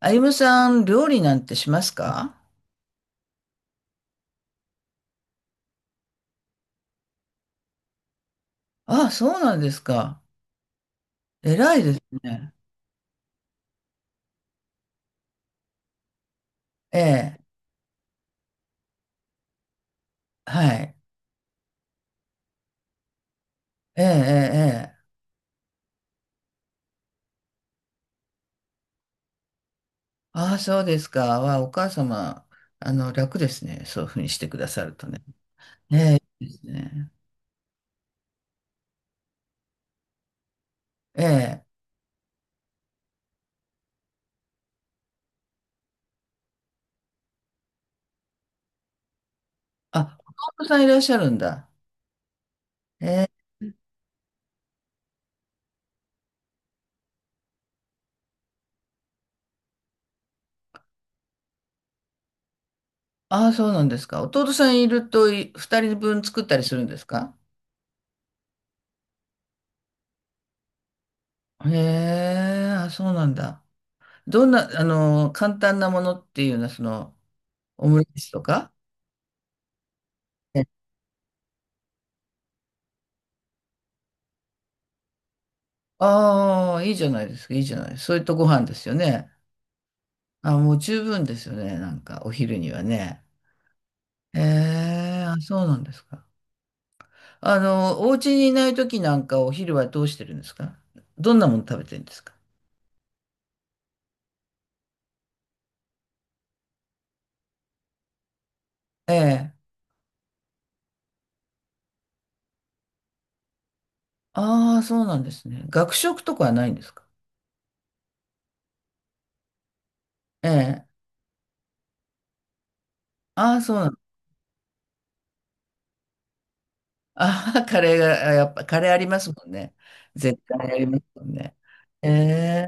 あゆむさん、料理なんてしますか？あ、そうなんですか。偉いですね。ええ、はい。ええ、ええ、ええ。ああ、そうですか。わあ、お母様、楽ですね。そういうふうにしてくださるとね。ええ、いいですね。ええ。あ、弟さんいらっしゃるんだ。ええ。ああ、そうなんですか。弟さんいると、二人分作ったりするんですか？へえ、あ、そうなんだ。どんな、簡単なものっていうのは、オムレツとか？ああ、いいじゃないですか、いいじゃない。そういったご飯ですよね。あ、もう十分ですよね、なんか、お昼にはね。ええ、あ、そうなんですか。お家にいない時なんか、お昼はどうしてるんですか？どんなもの食べてるんですか？ええ。ああ、そうなんですね。学食とかはないんですか？ええ。ああ、そうなん。 ああ、カレーが、やっぱカレーありますもんね。絶対ありますもんね。え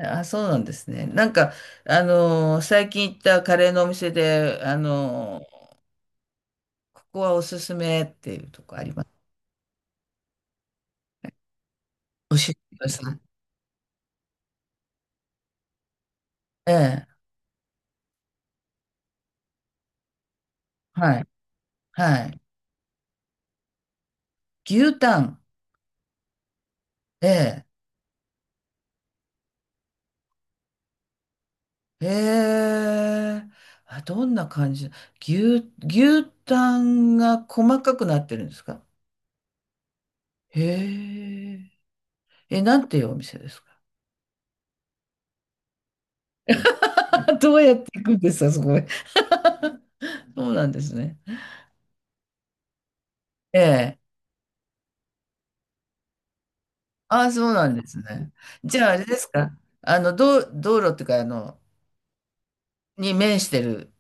え、あ、そうなんですね。最近行ったカレーのお店で、ここはおすすめっていうとこあります？教えてください。ええ。はい、はい。牛タン。ええ、ええ、あ、どんな感じ？牛タンが細かくなってるんですか？へえ。え、なんていうお店ですか？ どうやっていくんですか、そこへ。そうなんですね。ええ。ああ、そうなんですね。じゃあ、あれですか。道路っていうか、に面してる、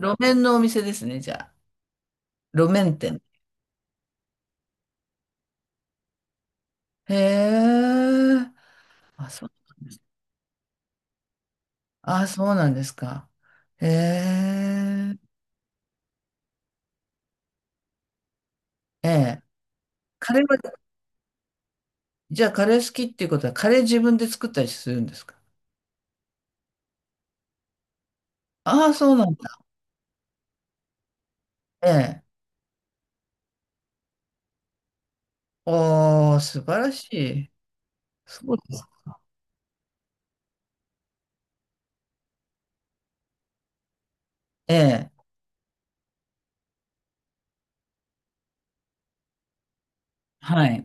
路面のお店ですね、じゃあ。路面店。へえ。あ、そうなんです。あ、そうなんですか。へえ。ええ。カレーは、じゃあ、カレー好きっていうことは、カレー自分で作ったりするんですか？ああ、そうなんだ。ええ。おー、素晴らしい。そうです。ええ。はい。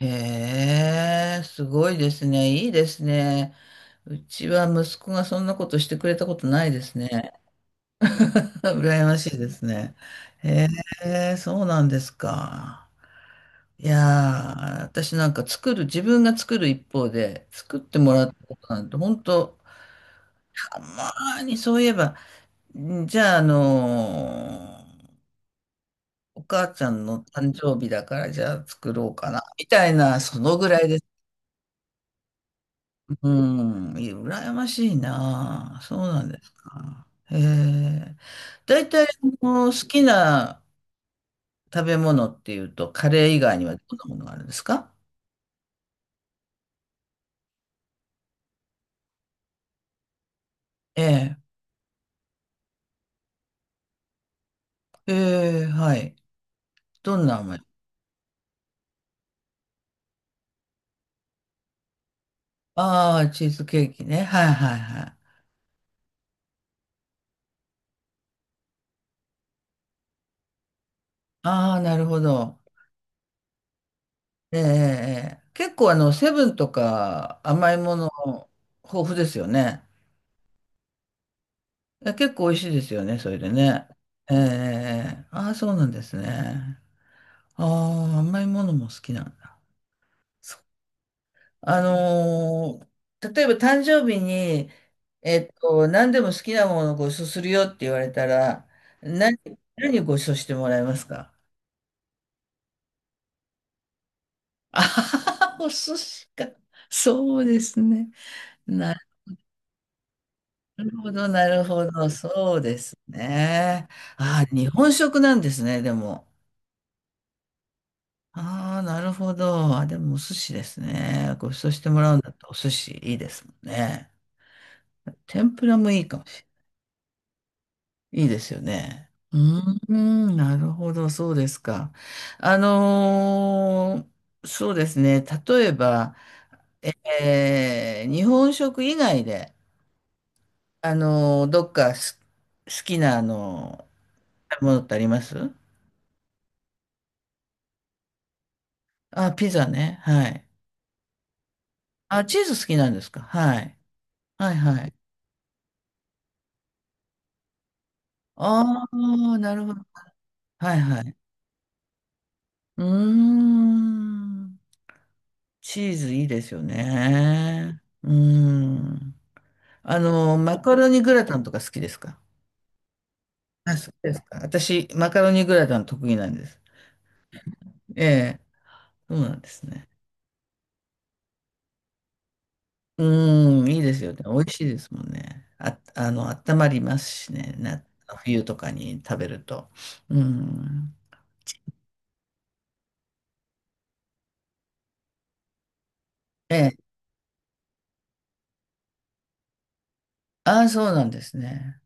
へえ、すごいですね。いいですね。うちは息子がそんなことしてくれたことないですね。羨ましいですね。へえ、そうなんですか。いやー、私なんか作る、自分が作る一方で、作ってもらったことなんて、本当たまーにそういえば、じゃあ、お母ちゃんの誕生日だから、じゃあ作ろうかな、みたいな、そのぐらいです。うん、羨ましいな。そうなんですか。へえ。大体、好きな食べ物っていうと、カレー以外にはどんなものがあるんですか？ええ。ええ、はい。どんな甘い？ああ、チーズケーキね。はいはいはい。ああ、なるほど。ええ、ええ。ええ、結構セブンとか甘いもの豊富ですよね。え、結構美味しいですよね、それでね。ええ、ええ。ああ、そうなんですね。ああ、甘いものも好きなんだ。そう、あのー例えば誕生日に、何でも好きなものをご馳走するよって言われたら、何、何をご馳走してもらえますか？あはは、お寿司 か。そうですね。なるほど、なるほど。そうですね。ああ、日本食なんですね、でも。ああ、なるほど。あ、でもお寿司ですね。ご馳走してもらうんだったらお寿司いいですもんね。天ぷらもいいかも。いいですよね。うーん、なるほど、そうですか。そうですね。例えば、日本食以外で、どっかす好きな、ものってあります？あ、ピザね。はい。あ、チーズ好きなんですか？はい。はい、はい。ああ、なるほど。はい、はい。うーん。チーズいいですよね。うーん。マカロニグラタンとか好きですか？あ、そうですか。私、マカロニグラタン得意なんです。ええ、そうなんですね。うーん、いいですよね。美味しいですもんね。あ、温まりますしね。冬とかに食べると。うーん。ええ、ああ、そうなんですね。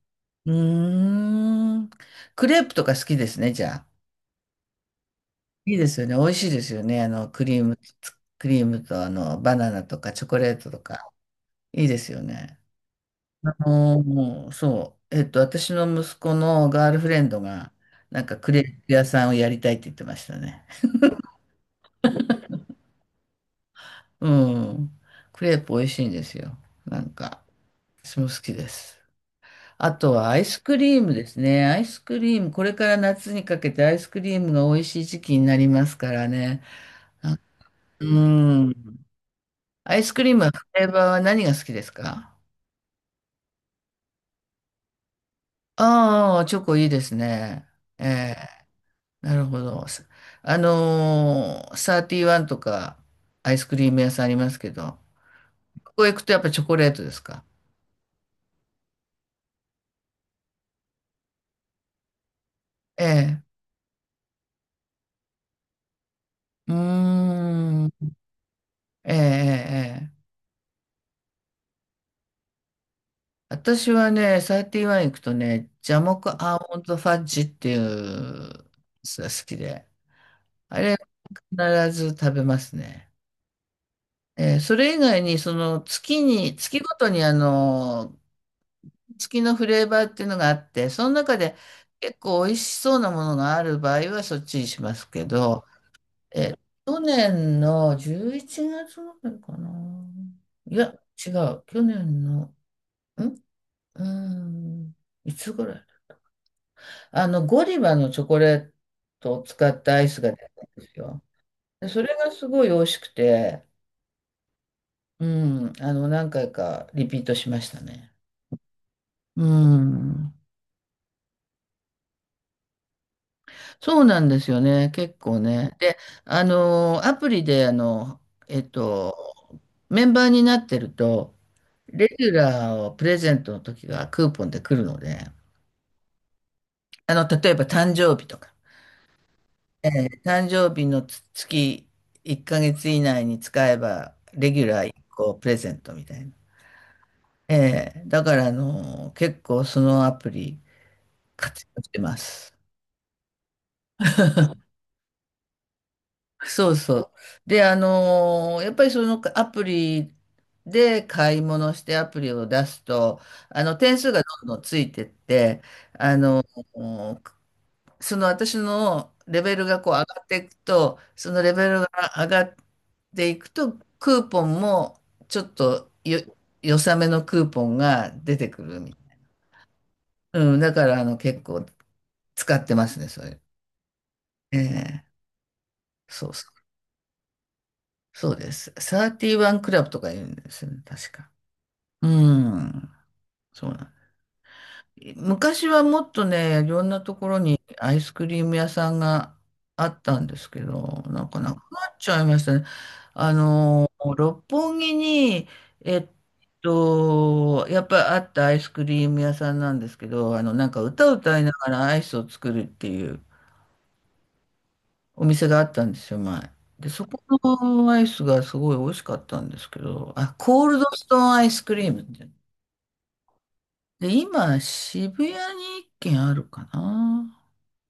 うーん。クレープとか好きですね、じゃあ。いいですよね。美味しいですよね。クリームと、バナナとかチョコレートとか。いいですよね。もう、そう。私の息子のガールフレンドが、なんかクレープ屋さんをやりたいって言ってましたね。うん。クレープ美味しいんですよ。なんか、私も好きです。あとはアイスクリームですね。アイスクリーム、これから夏にかけてアイスクリームが美味しい時期になりますからね。うん。アイスクリームはフレーバーは何が好きですか？ああー、チョコいいですね。ええ、なるほど。サーティワンとかアイスクリーム屋さんありますけど、ここへ行くとやっぱチョコレートですか？ええ。うーん。ええ、ええ。ええ、私はね、サーティワン行くとね、ジャモクアーモンドファッジっていうやつが好きで、あれ必ず食べますね。ええ、それ以外に、月ごとに付きのフレーバーっていうのがあって、その中で結構美味しそうなものがある場合はそっちにしますけど、え、去年の11月ぐらいかな。いや、違う。去年の、んうーん、いつぐらい、ゴディバのチョコレートを使ったアイスが出たんですよ。で、それがすごい美味しくて、うん、何回かリピートしましたね。うん。そうなんですよね、結構ね。で、アプリで、えっと、メンバーになってると、レギュラーをプレゼントの時がクーポンで来るので、例えば誕生日とか、誕生日の1ヶ月以内に使えば、レギュラー1個プレゼントみたいな。だから、結構そのアプリ活用してます。そうそう。で、やっぱりそのアプリで買い物してアプリを出すと、点数がどんどんついてって、あのーその私のレベルがこう上がっていくと、そのレベルが上がっていくと、クーポンもちょっとよ、良さめのクーポンが出てくるみたいな。うん、だから結構使ってますね、それ。ええ、そうそう。そうです。31クラブとか言うんですよね、確か。うん。そうなん昔はもっとね、いろんなところにアイスクリーム屋さんがあったんですけど、なんかなくなっちゃいましたね。あの、六本木に、えっやっぱりあったアイスクリーム屋さんなんですけど、なんか歌を歌いながらアイスを作るっていうお店があったんですよ、前。で、そこのアイスがすごい美味しかったんですけど、あ、コールドストーンアイスクリームって、で、今、渋谷に一軒あるかな。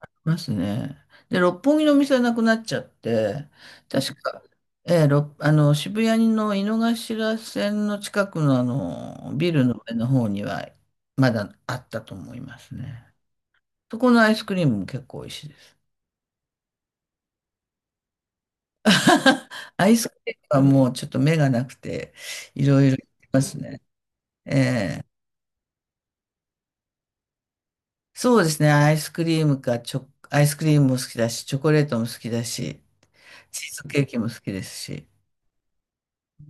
いますね。で、六本木のお店はなくなっちゃって、確か、ええ、渋谷の井の頭線の近くのビルの上の方には、まだあったと思いますね。そこのアイスクリームも結構美味しいです。アイスクリームはもうちょっと目がなくて、いろいろいますね。ええ、そうですね。アイスクリームか、アイスクリームも好きだし、チョコレートも好きだし、チーズケーキも好きですし。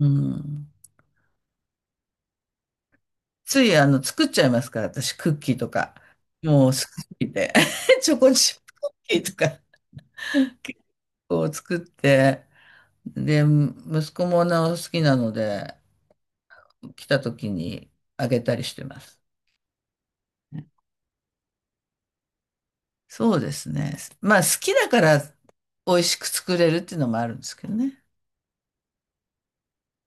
うん。つい、作っちゃいますから、私、クッキーとか。もう、好きすぎて。チョコチップクッキーとか、結構作って。で、息子もなお好きなので、来た時にあげたりしてます。そうですね。まあ、好きだから、美味しく作れるっていうのもあるんですけどね。